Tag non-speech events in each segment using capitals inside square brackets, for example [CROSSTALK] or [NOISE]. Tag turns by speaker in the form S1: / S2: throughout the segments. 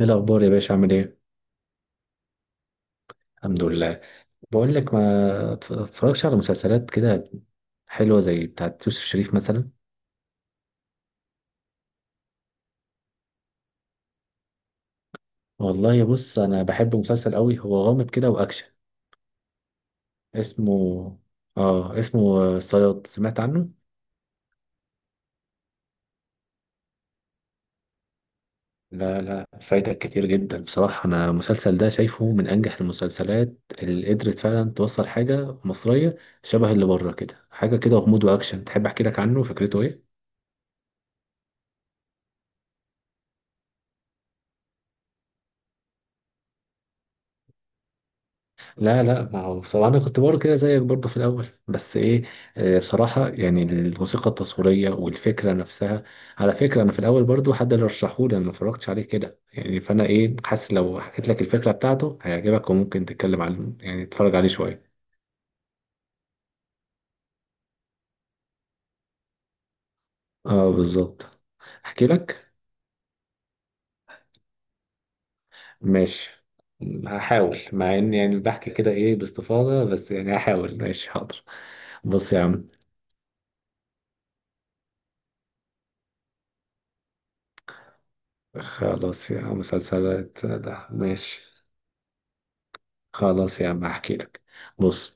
S1: ايه الاخبار يا باشا؟ عامل ايه؟ الحمد لله. بقول لك، ما اتف- اتفرجش على مسلسلات كده حلوه زي بتاعت يوسف شريف مثلا؟ والله بص، انا بحب مسلسل قوي، هو غامض كده واكشن. اسمه، اه اسمه الصياد، سمعت عنه؟ لا لا، فايتك كتير جدا. بصراحه انا المسلسل ده شايفه من انجح المسلسلات اللي قدرت فعلا توصل حاجه مصريه شبه اللي بره كده، حاجه كده غموض واكشن. تحب احكي لك عنه فكرته ايه؟ لا لا، ما هو بصراحة أنا كنت برضه كده زيك برضه في الأول، بس إيه، بصراحة يعني الموسيقى التصويرية والفكرة نفسها. على فكرة أنا في الأول برضه حد اللي رشحهولي، أنا ما اتفرجتش عليه كده يعني، فأنا إيه حاسس لو حكيت لك الفكرة بتاعته هيعجبك وممكن تتكلم عن، يعني تتفرج عليه شوية. أه بالظبط. أحكي لك. ماشي، هحاول مع إني يعني بحكي كده إيه باستفاضة، بس يعني هحاول. ماشي حاضر. بص يا عم. خلاص يا عم، مسلسلات ده ماشي. خلاص يا عم هحكي لك. بص.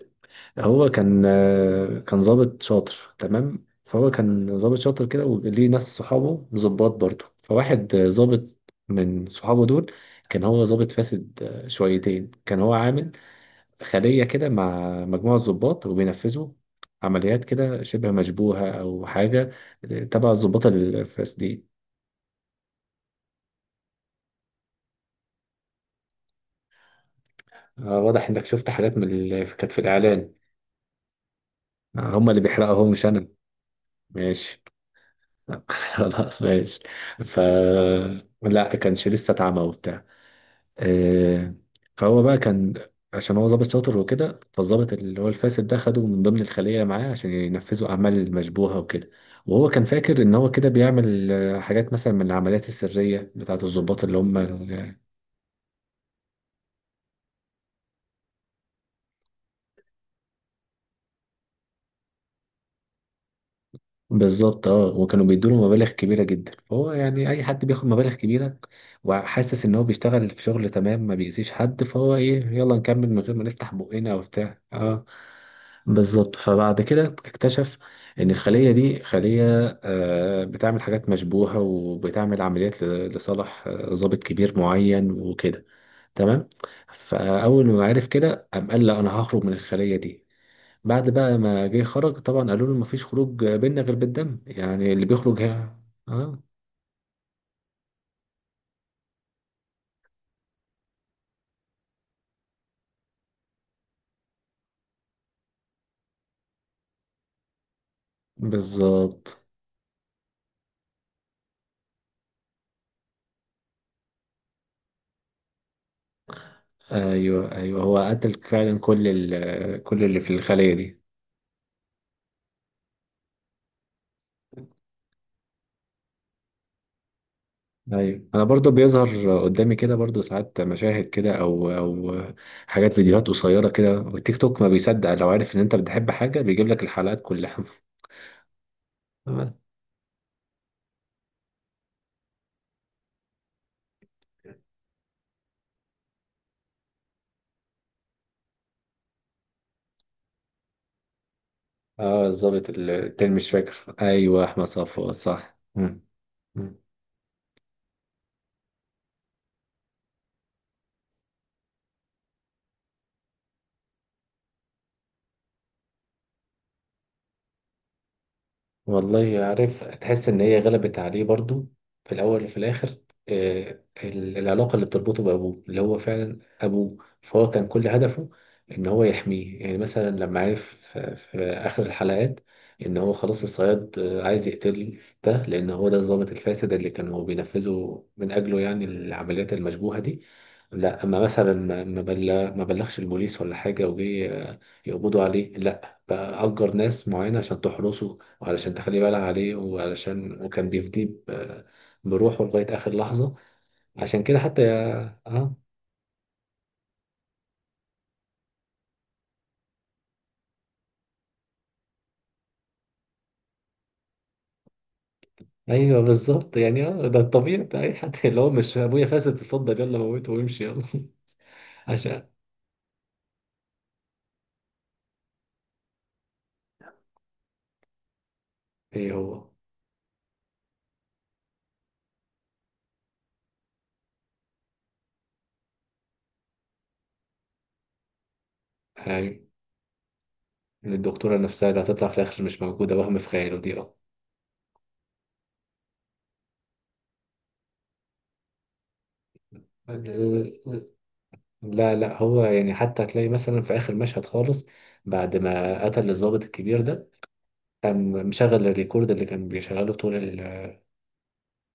S1: هو كان، كان ضابط شاطر تمام. فهو كان ضابط شاطر كده وليه ناس صحابه ضباط برضه. فواحد، ضابط من صحابه دول كان هو ضابط فاسد، شويتين. كان هو عامل خلية كده مع مجموعة ضباط، وبينفذوا عمليات كده شبه مشبوهة أو حاجة تبع الضباط الفاسدين. واضح إنك شفت حاجات من اللي كانت في الإعلان. هما اللي بيحرقوا، هو مش أنا. ماشي. [LAUGHS] خلاص ماشي. ف لا كانش لسه اتعمى وبتاع، آه، فهو بقى كان، عشان هو ظابط شاطر وكده، فالظابط اللي هو الفاسد ده خده من ضمن الخلية معاه عشان ينفذوا أعمال مشبوهة وكده. وهو كان فاكر إن هو كده بيعمل، حاجات مثلا من العمليات السرية بتاعة الضباط اللي هم. بالظبط اه. وكانوا بيدوا له مبالغ كبيره جدا، فهو يعني اي حد بياخد مبالغ كبيره وحاسس ان هو بيشتغل في شغل تمام ما بيأذيش حد، فهو ايه، يلا نكمل من غير ما نفتح بقنا او بتاع اه. بالظبط. فبعد كده اكتشف ان الخليه دي خليه، بتعمل حاجات مشبوهه وبتعمل عمليات لصالح، ضابط كبير معين وكده. تمام. فاول ما عرف كده قام قال لا انا هخرج من الخليه دي. بعد بقى ما جه خرج طبعا قالوا له مفيش خروج بينا غير بالدم، يعني اللي بيخرج ها. اه بالظبط. ايوه ايوه، هو قتل فعلا كل اللي في الخلية دي. ايوه انا برضو بيظهر قدامي كده برضو ساعات مشاهد كده، او حاجات فيديوهات قصيرة كده، والتيك توك ما بيصدق لو عارف ان انت بتحب حاجة بيجيب لك الحلقات كلها. تمام. اه الظابط التاني مش فاكر. ايوه احمد صفوت صح. مم. مم. والله عارف، تحس ان هي غلبت عليه برضو في الاول وفي الاخر. العلاقه اللي بتربطه بابوه اللي هو فعلا ابوه، فهو كان كل هدفه ان هو يحميه. يعني مثلا لما عرف في اخر الحلقات ان هو خلاص الصياد، عايز يقتل ده لان هو ده الضابط الفاسد اللي كانوا بينفذوا من اجله يعني العمليات المشبوهه دي. لا اما مثلا ما بلغش البوليس ولا حاجه، وجي يقبضوا عليه، لا بقى اجر ناس معينه عشان تحرسه وعلشان تخلي بالها عليه وعلشان، وكان بيفديه بروحه لغاية آخر لحظة، عشان كده حتى يا اه. ايوه بالظبط يعني اه، ده الطبيعي بتاع اي حد [LAUGHS] اللي هو مش ابويا فاسد اتفضل يلا موته وامشي يلا. [LAUGHS] عشان ايه هو هاي من الدكتورة نفسها اللي هتطلع في الآخر مش موجودة، وهم في خياله دي اه. لا لا، هو يعني حتى هتلاقي مثلا في آخر مشهد خالص بعد ما قتل الضابط الكبير ده، قام مشغل الريكورد اللي كان بيشغله طول،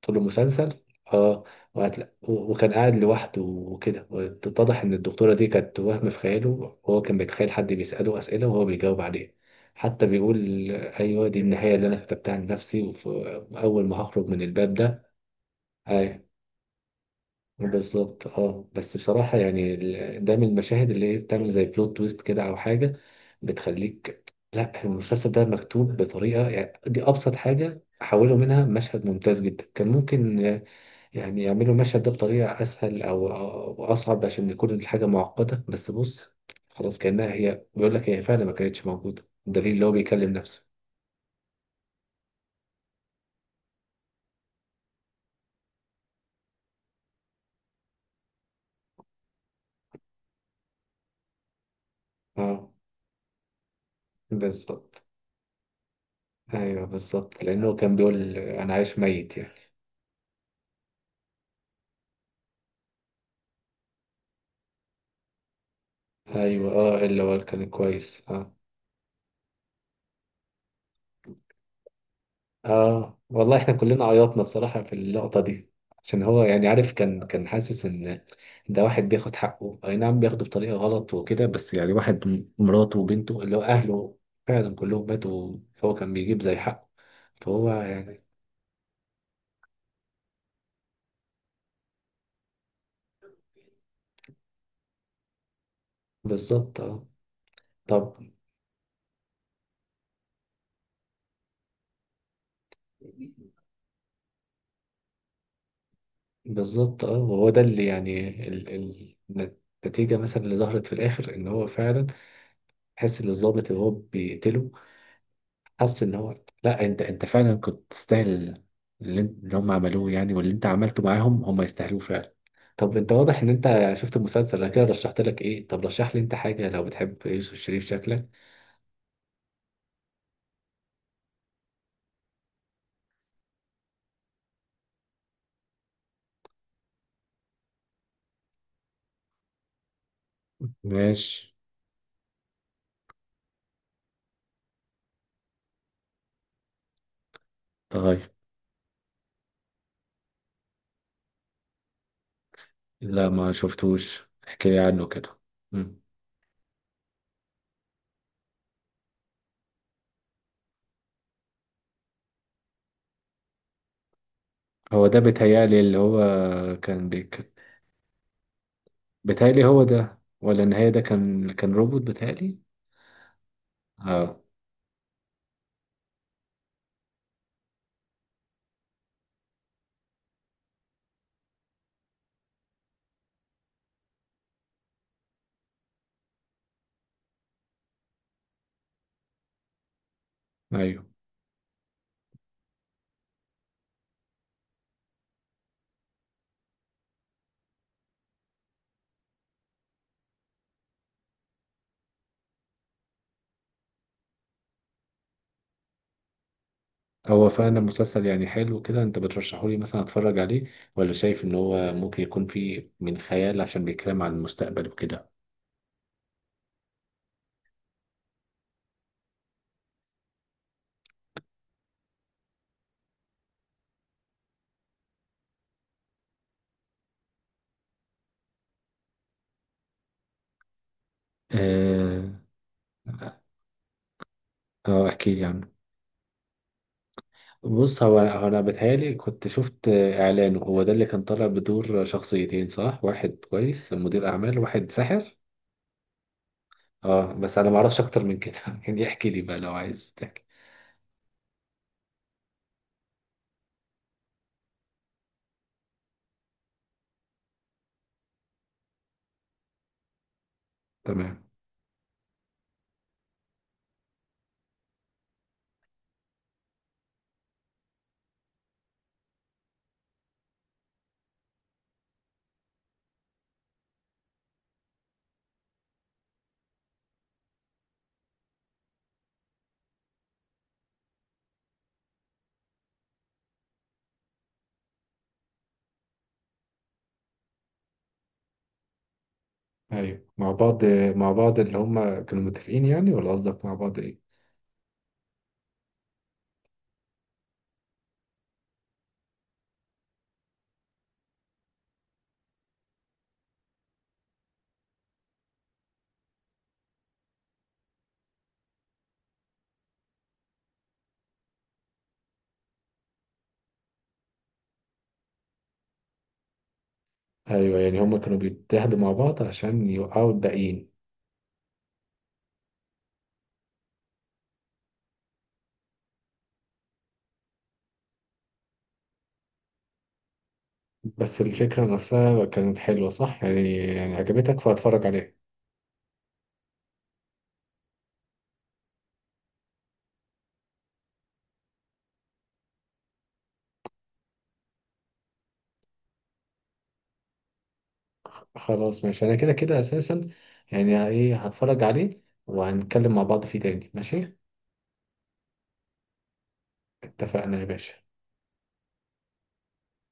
S1: قلت له مسلسل. اه. وكان قاعد لوحده وكده، واتضح ان الدكتوره دي كانت وهم في خياله. وهو كان بيتخيل حد بيساله اسئله وهو بيجاوب عليه، حتى بيقول ايوه دي النهايه اللي انا كتبتها لنفسي واول ما هخرج من الباب ده. ايوه بالظبط اه. بس بصراحه يعني ده من المشاهد اللي هي بتعمل زي بلوت تويست كده او حاجه بتخليك. لا المسلسل ده مكتوب بطريقه، يعني دي ابسط حاجه حولوا منها، مشهد ممتاز جدا. كان ممكن يعني يعملوا المشهد ده بطريقة أسهل أو أصعب عشان يكون الحاجة معقدة، بس بص خلاص. كأنها هي بيقول لك هي فعلا ما كانتش موجودة، الدليل اللي هو بيكلم نفسه. اه بالظبط. أيوه بالظبط، لأنه كان بيقول أنا عايش ميت يعني. أيوه اه، اللي هو كان كويس اه. اه والله، احنا كلنا عيطنا بصراحة في اللقطة دي، عشان هو يعني عارف، كان حاسس ان ده واحد بياخد حقه، اي نعم بياخده بطريقة غلط وكده، بس يعني واحد مراته وبنته اللي هو اهله فعلا كلهم ماتوا، فهو كان بيجيب زي حقه، فهو يعني بالظبط اه. طب بالظبط اه. وهو ده اللي يعني ال النتيجة مثلا اللي ظهرت في الاخر، ان هو فعلا حس ان الضابط اللي هو بيقتله حس ان هو، لا انت انت فعلا كنت تستاهل اللي، انت- اللي هم عملوه يعني واللي انت عملته معاهم هم يستاهلوه فعلا. طب انت واضح ان انت شفت المسلسل، انا كده رشحت لك. ايه؟ طب رشح لي انت حاجه لو بتحب يوسف شريف شكلك. ماشي. طيب. لا ما شفتوش، احكي لي عنه كده. مم. هو ده بيتهيألي اللي هو كان بيك. بيتهيألي هو ده ولا النهاية ده؟ كان روبوت بيتهيألي اه. ايوه. هو فعلا مسلسل يعني حلو كده انت بترشحه لي مثلا اتفرج عليه؟ ولا شايف ان هو ممكن يكون فيه من خيال عشان بيتكلم عن المستقبل وكده؟ اه اه احكي لي عنه. بص، هو انا بتهيالي كنت شفت اعلانه، هو ده اللي كان طالع بدور شخصيتين صح؟ واحد كويس مدير اعمال وواحد ساحر. اه بس انا ما اعرفش اكتر من كده. [LAUGHS] يعني احكي لي بقى لو عايز تحكي. تمام. ايوه مع بعض. مع بعض اللي هم كانوا متفقين يعني، ولا قصدك مع بعض ايه؟ ايوه يعني هما كانوا بيتحدوا مع بعض عشان يوقعوا الباقيين. بس الفكرة نفسها كانت حلوة صح؟ يعني عجبتك فهتفرج عليه. خلاص ماشي، انا كده كده اساسا يعني ايه هتفرج عليه، وهنتكلم مع بعض فيه تاني. ماشي اتفقنا يا باشا.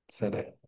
S1: سلام.